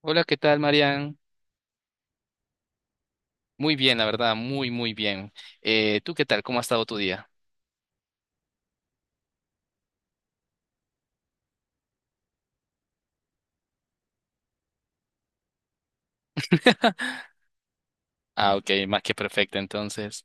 Hola, ¿qué tal, Marian? Muy bien, la verdad, muy, muy bien. ¿Tú qué tal? ¿Cómo ha estado tu día? Ah, ok, más que perfecto, entonces.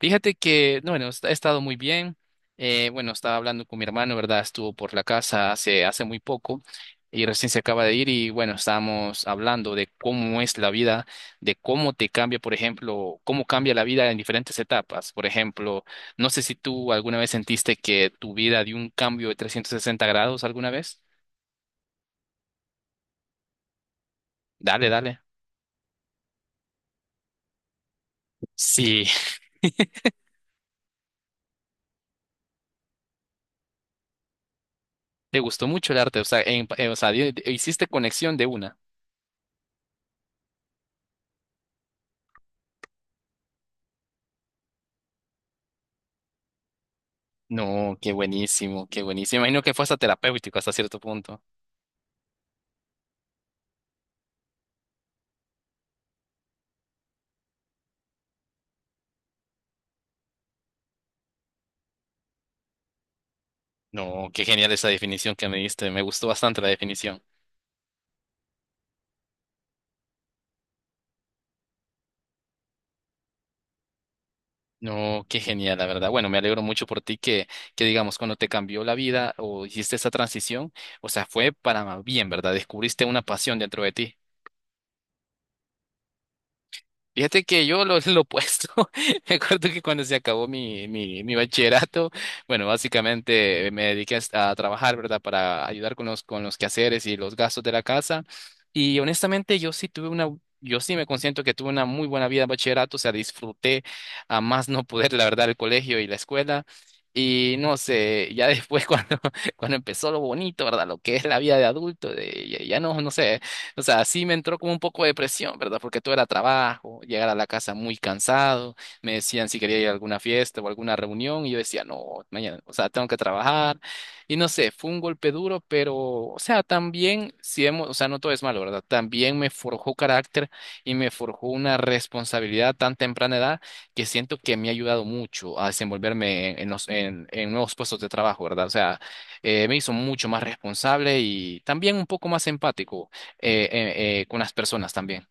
Fíjate que, no, bueno, he estado muy bien. Bueno, estaba hablando con mi hermano, ¿verdad? Estuvo por la casa hace muy poco y recién se acaba de ir y, bueno, estábamos hablando de cómo es la vida, de cómo te cambia, por ejemplo, cómo cambia la vida en diferentes etapas. Por ejemplo, no sé si tú alguna vez sentiste que tu vida dio un cambio de 360 grados alguna vez. Dale, dale. Sí, te gustó mucho el arte, o sea, o sea, hiciste conexión de una. No, qué buenísimo, qué buenísimo. Imagino que fue hasta terapéutico hasta cierto punto. No, qué genial esa definición que me diste, me gustó bastante la definición. No, qué genial, la verdad. Bueno, me alegro mucho por ti que digamos, cuando te cambió la vida o hiciste esa transición, o sea, fue para bien, ¿verdad? Descubriste una pasión dentro de ti. Fíjate que yo lo opuesto. Me acuerdo que cuando se acabó mi bachillerato, bueno, básicamente me dediqué a trabajar, ¿verdad? Para ayudar con con los quehaceres y los gastos de la casa. Y honestamente, yo sí me consiento que tuve una muy buena vida en bachillerato, o sea, disfruté a más no poder, la verdad, el colegio y la escuela. Y no sé, ya después cuando empezó lo bonito, ¿verdad? Lo que es la vida de adulto, de, ya, no sé. O sea, sí me entró como un poco de presión, ¿verdad? Porque todo era trabajo, llegar a la casa muy cansado, me decían si quería ir a alguna fiesta o alguna reunión y yo decía, no, mañana, o sea, tengo que trabajar. Y no sé, fue un golpe duro, pero, o sea, también, si hemos, o sea, no todo es malo, ¿verdad? También me forjó carácter y me forjó una responsabilidad tan temprana edad que siento que me ha ayudado mucho a desenvolverme en en nuevos puestos de trabajo, ¿verdad? O sea, me hizo mucho más responsable y también un poco más empático con las personas también.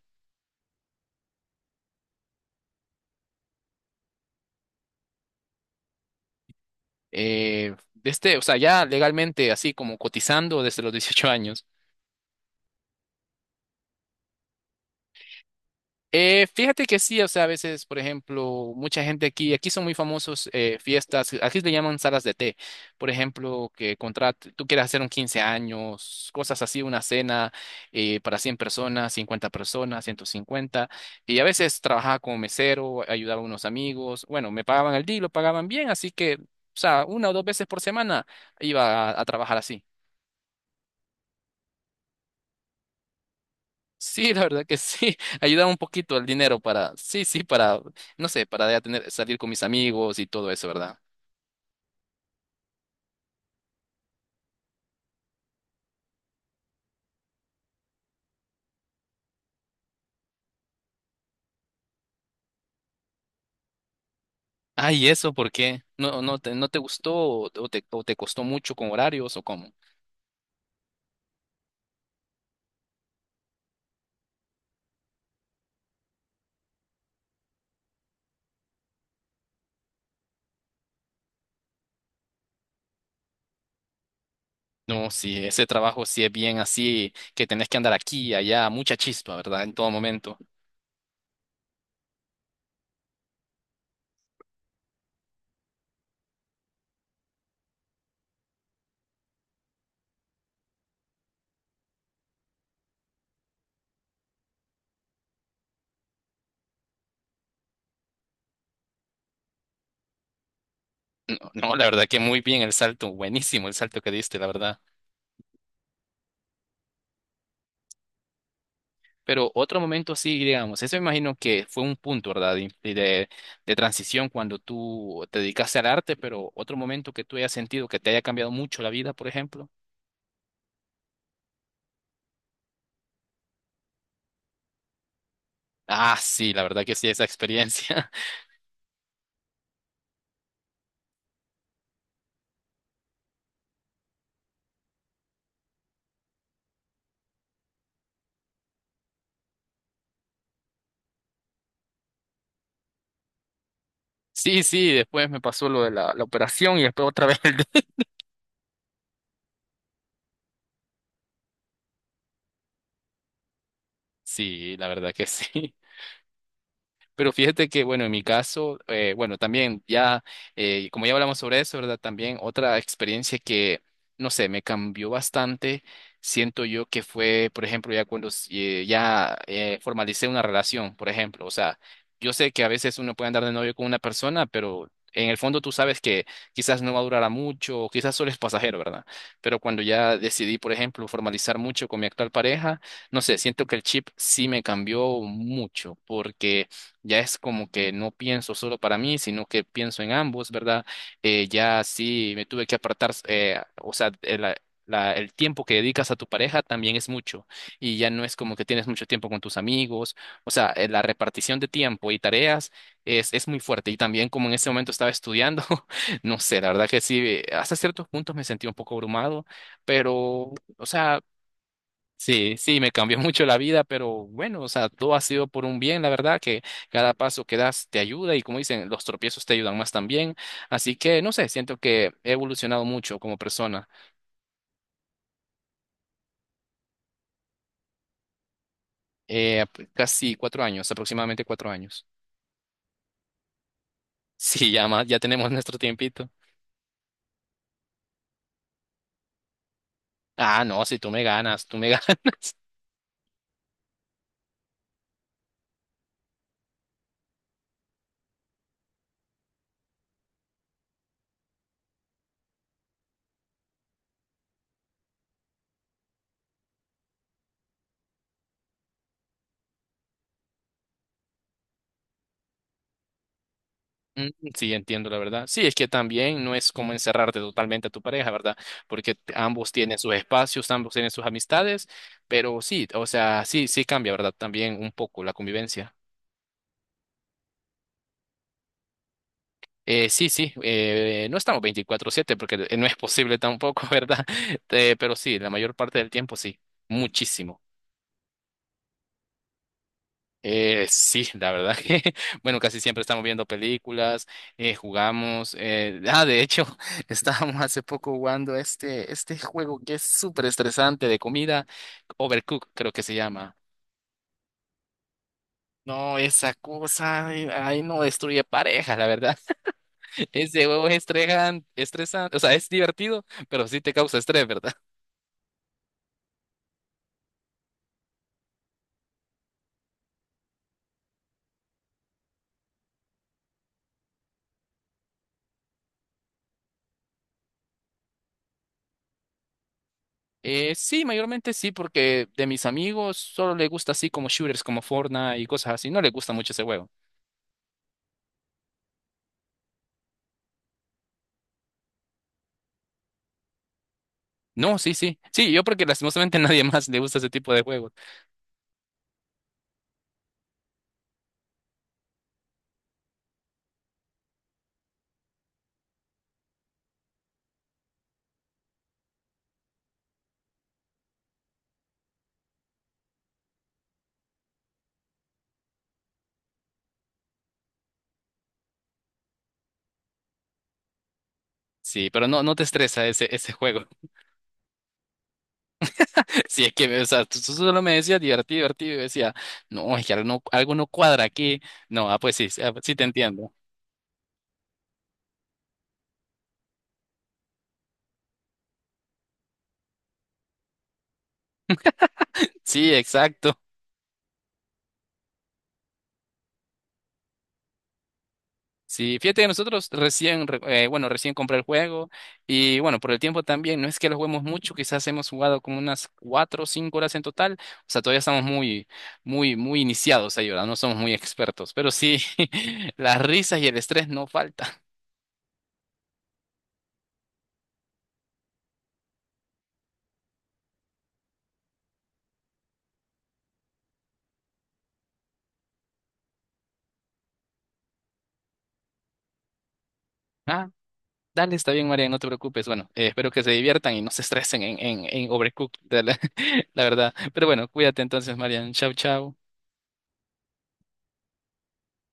Desde, o sea, ya legalmente, así como cotizando desde los 18 años. Fíjate que sí, o sea, a veces, por ejemplo, mucha gente aquí, aquí son muy famosos fiestas, aquí le llaman salas de té, por ejemplo, que contrat tú quieres hacer un 15 años, cosas así, una cena para 100 personas, 50 personas, 150, y a veces trabajaba como mesero, ayudaba a unos amigos, bueno, me pagaban el día y lo pagaban bien, así que, o sea, una o dos veces por semana iba a trabajar así. Sí, la verdad que sí, ayudaba un poquito el dinero para, sí, sí, para, no sé, para ya tener, salir con mis amigos y todo eso, ¿verdad? Ah, ¿y eso por qué? ¿No, no te gustó o te costó mucho con horarios o cómo? No, sí, ese trabajo sí es bien así, que tenés que andar aquí y allá, mucha chispa, ¿verdad? En todo momento. No, no, la verdad que muy bien el salto, buenísimo el salto que diste, la verdad. Pero otro momento sí, digamos, eso me imagino que fue un punto, ¿verdad? De, transición cuando tú te dedicaste al arte, pero otro momento que tú hayas sentido que te haya cambiado mucho la vida, por ejemplo. Ah, sí, la verdad que sí, esa experiencia. Sí, sí, después me pasó lo de la operación y después otra vez Sí, la verdad que sí. Pero fíjate que, bueno, en mi caso, bueno, también ya, como ya hablamos sobre eso, ¿verdad? También otra experiencia que, no sé, me cambió bastante, siento yo que fue, por ejemplo, ya cuando ya formalicé una relación, por ejemplo, o sea, yo sé que a veces uno puede andar de novio con una persona, pero en el fondo tú sabes que quizás no va a durar a mucho, o quizás solo es pasajero, ¿verdad? Pero cuando ya decidí, por ejemplo, formalizar mucho con mi actual pareja, no sé, siento que el chip sí me cambió mucho, porque ya es como que no pienso solo para mí, sino que pienso en ambos, ¿verdad? Ya sí me tuve que apartar, o sea, el tiempo que dedicas a tu pareja también es mucho y ya no es como que tienes mucho tiempo con tus amigos, o sea, la repartición de tiempo y tareas es muy fuerte y también como en ese momento estaba estudiando, no sé, la verdad que sí, hasta ciertos puntos me sentí un poco abrumado, pero, o sea... Sí, sí, me cambió mucho la vida, pero bueno, o sea, todo ha sido por un bien, la verdad, que cada paso que das te ayuda y como dicen, los tropiezos te ayudan más también. Así que, no sé, siento que he evolucionado mucho como persona, casi 4 años, aproximadamente 4 años. Sí, ya más, ya tenemos nuestro tiempito. Ah, no, si tú me ganas, tú me ganas. Mm, sí, entiendo la verdad. Sí, es que también no es como encerrarte totalmente a tu pareja, ¿verdad? Porque ambos tienen sus espacios, ambos tienen sus amistades, pero sí, o sea, sí, sí cambia, ¿verdad? También un poco la convivencia. Sí, sí, no estamos 24/7 porque no es posible tampoco, ¿verdad? Pero sí, la mayor parte del tiempo sí, muchísimo. Sí, la verdad que, bueno, casi siempre estamos viendo películas, jugamos, de hecho, estábamos hace poco jugando este juego que es súper estresante de comida, Overcook creo que se llama. No, esa cosa, ay, ay, no destruye parejas, la verdad. Ese juego estresante, o sea, es divertido, pero sí te causa estrés, ¿verdad? Sí, mayormente sí, porque de mis amigos solo le gusta así como shooters, como Fortnite y cosas así, no le gusta mucho ese juego. No, sí, sí. Sí, yo porque lastimosamente nadie más le gusta ese tipo de juegos. Sí, pero no, no te estresa ese juego. Sí, es que, o sea, tú solo me decías divertido, divertido, y decía, no, es que algo no cuadra aquí. No, ah, pues sí, sí, ah, sí te entiendo. Sí, exacto. Sí, fíjate que nosotros bueno, recién compré el juego y bueno, por el tiempo también, no es que lo juguemos mucho, quizás hemos jugado como unas 4 o 5 horas en total, o sea, todavía estamos muy, muy, muy iniciados ahí, ¿verdad? No somos muy expertos, pero sí, las risas y el estrés no faltan. Ah, dale, está bien, María, no te preocupes. Bueno, espero que se diviertan y no se estresen en, en Overcooked, la verdad. Pero bueno, cuídate entonces, María. Chao, chao.